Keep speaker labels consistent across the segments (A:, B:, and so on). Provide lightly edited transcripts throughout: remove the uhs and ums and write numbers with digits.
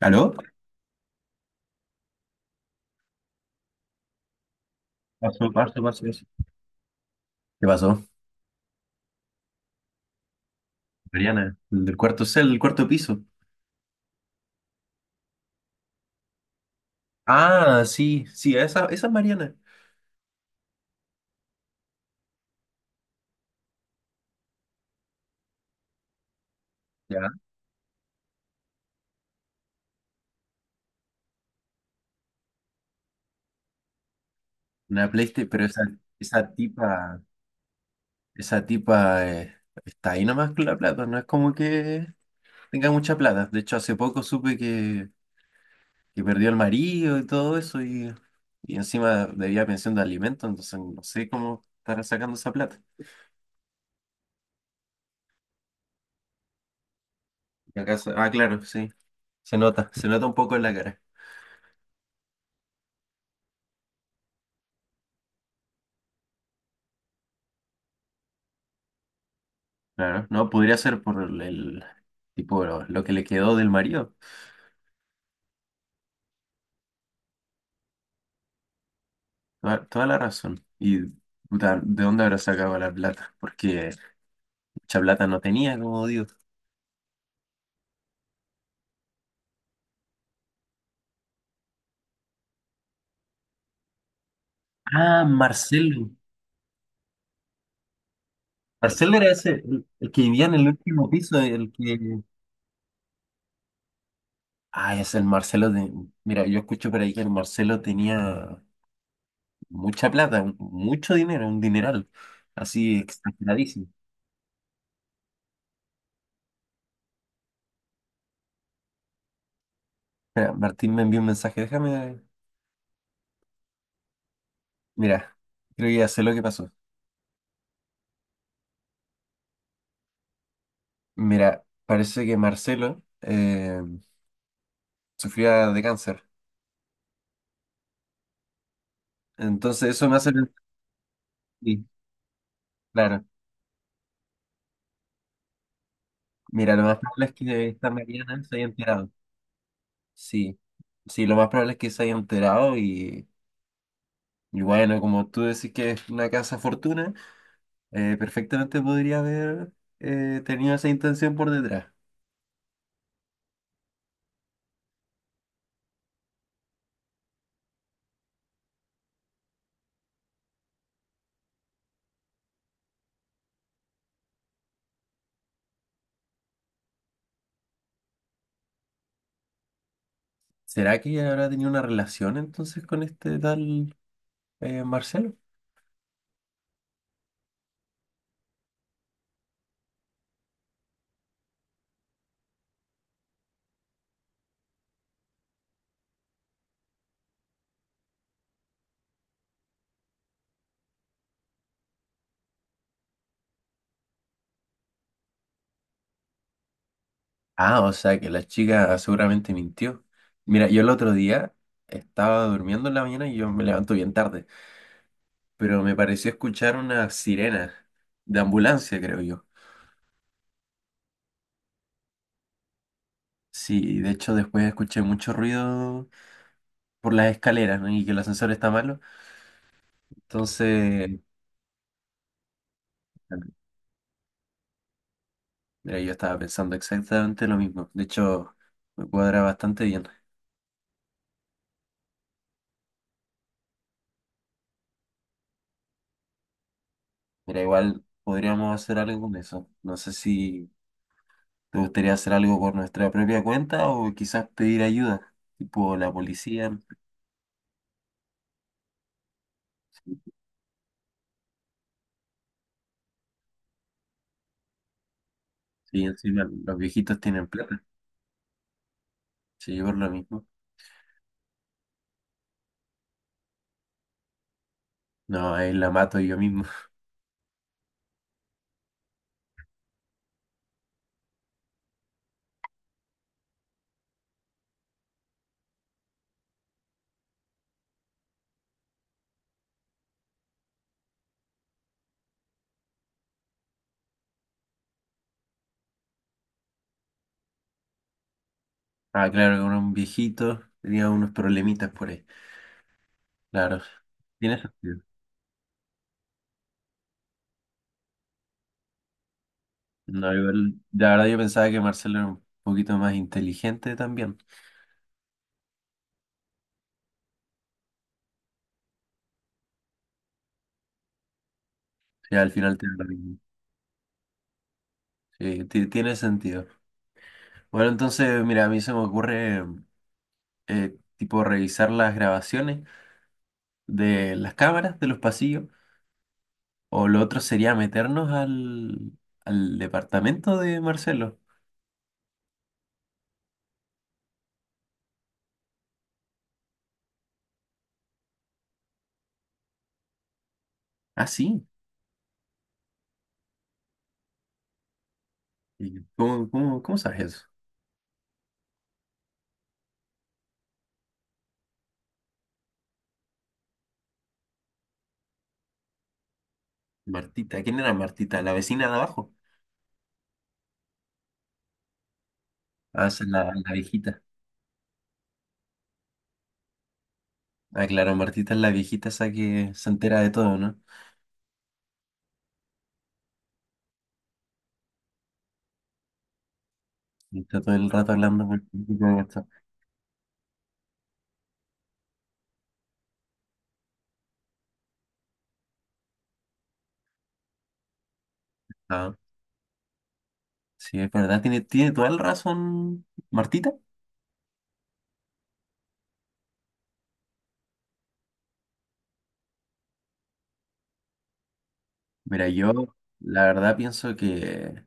A: ¿Aló? Pasó, pasó, pasó eso. ¿Qué pasó? Mariana, el cuarto piso. Ah, sí, sí, esa es Mariana. Ya. Una PlayStation, pero esa, esa tipa, esa tipa está ahí nomás con la plata, no es como que tenga mucha plata. De hecho, hace poco supe que perdió el marido y todo eso y encima debía pensión de alimento, entonces no sé cómo estará sacando esa plata. Claro, sí, se nota un poco en la cara. Claro, no, podría ser por tipo lo que le quedó del marido. Toda, toda la razón. Y puta, ¿de dónde habrá sacado la plata? Porque mucha plata no tenía, como digo. Ah, Marcelo. Marcelo era ese, el que vivía en el último piso, el que. Ah, es el Marcelo de. Mira, yo escucho por ahí que el Marcelo tenía mucha plata, mucho dinero, un dineral. Así exageradísimo. Espera, Martín me envió un mensaje, déjame. Mira, creo que ya sé lo que pasó. Mira, parece que Marcelo sufría de cáncer. Entonces eso me hace... pensar. Sí, claro. Mira, lo más probable es que esta Mariana se haya enterado. Sí, sí, lo más probable es que se haya enterado y bueno, como tú decís que es una casa fortuna, perfectamente podría haber tenido esa intención por detrás. ¿Será que ella habrá tenido una relación entonces con este tal Marcelo? Ah, o sea que la chica seguramente mintió. Mira, yo el otro día estaba durmiendo en la mañana y yo me levanto bien tarde, pero me pareció escuchar una sirena de ambulancia, creo yo. Sí, de hecho después escuché mucho ruido por las escaleras, ¿no? Y que el ascensor está malo. Entonces, mira, yo estaba pensando exactamente lo mismo. De hecho, me cuadra bastante bien. Mira, igual podríamos hacer algo con eso. No sé si... ¿Te gustaría hacer algo por nuestra propia cuenta o quizás pedir ayuda? Tipo la policía, sí, encima los viejitos tienen plata. Sí, yo por lo mismo. No, ahí la mato yo mismo. Ah, claro, con un viejito tenía unos problemitas por ahí. Claro, tiene sentido. No, igual, la verdad yo pensaba que Marcelo era un poquito más inteligente también. Sí, al final tiene lo mismo. Sí, tiene sentido. Bueno, entonces, mira, a mí se me ocurre, tipo, revisar las grabaciones de las cámaras de los pasillos. O lo otro sería meternos al departamento de Marcelo. Ah, sí. ¿Y cómo, cómo, cómo sabes eso? Martita. ¿Quién era Martita? ¿La vecina de abajo? Ah, esa es la viejita. Ah, claro, Martita es la viejita esa que se entera de todo, ¿no? Y está todo el rato hablando por el grupo de WhatsApp. Ah, sí, es verdad. Tiene, tiene toda la razón, Martita. Mira, yo la verdad pienso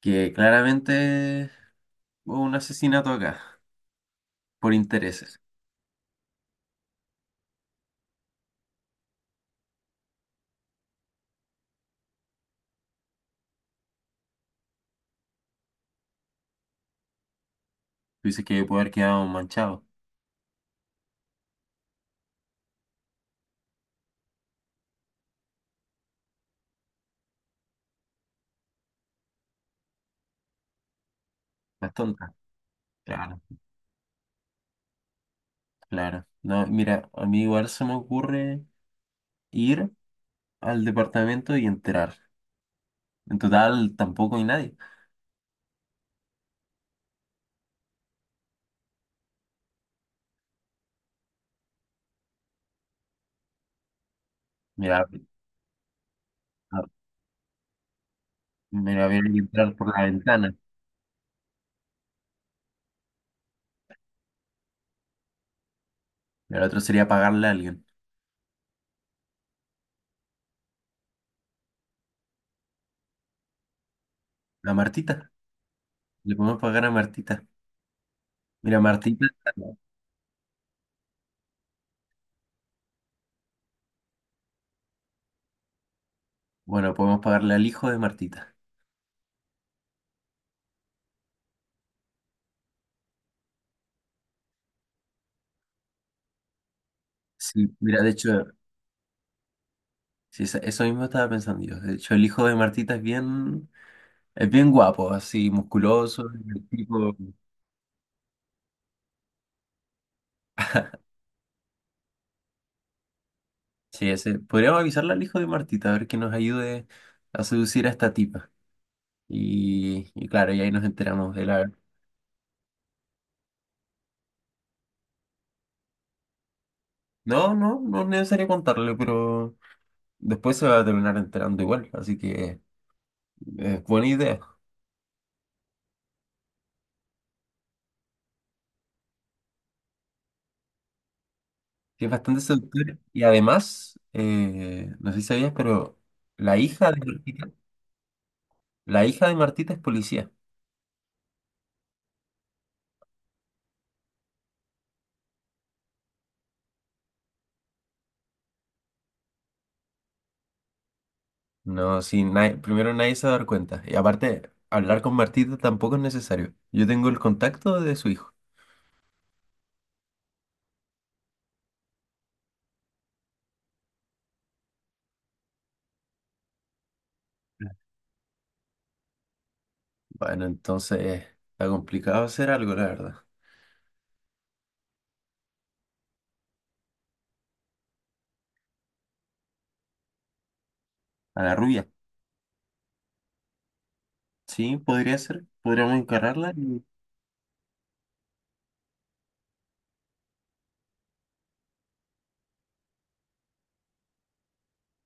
A: que claramente hubo un asesinato acá por intereses. Tú dices que puede haber quedado manchado. Las tontas. Claro, claro. No, mira, a mí igual se me ocurre ir al departamento y entrar. En total, tampoco hay nadie. Mira, a- mira, había que entrar por la ventana. Y el otro sería pagarle a alguien. A Martita. Le podemos pagar a Martita. Mira, Martita. Bueno, podemos pagarle al hijo de Martita. Sí, mira, de hecho, sí, eso mismo estaba pensando yo. De hecho, el hijo de Martita es bien guapo, así, musculoso, el tipo. Sí, ese. Podríamos avisarle al hijo de Martita, a ver que nos ayude a seducir a esta tipa. Y claro, y ahí nos enteramos de la... No, no, no es necesario contarle, pero después se va a terminar enterando igual. Así que es buena idea. Sí, es bastante seductor. Y además, no sé si sabías, pero la hija de Martita, la hija de Martita es policía. No, sí, primero nadie se va a dar cuenta. Y aparte, hablar con Martita tampoco es necesario. Yo tengo el contacto de su hijo. Bueno, entonces está complicado hacer algo, la verdad. A la rubia, sí, podría ser. Podríamos encararla y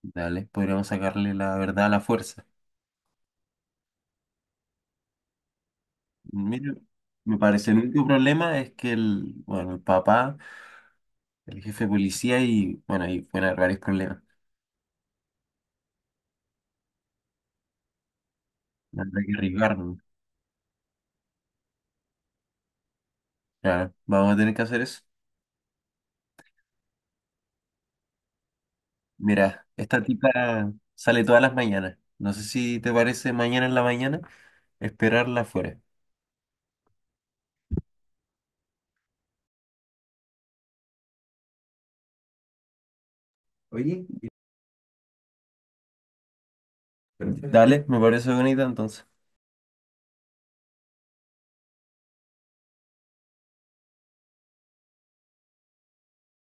A: dale, podríamos sacarle la verdad a la fuerza. Mira, me parece el único problema es que el, bueno, el papá, el jefe de policía y, bueno, ahí pueden haber varios problemas. Habrá que arriesgarnos. Claro, vamos a tener que hacer eso. Mira, esta tipa sale todas las mañanas. No sé si te parece mañana en la mañana esperarla afuera. Oye, y- Dale, me parece bonita entonces.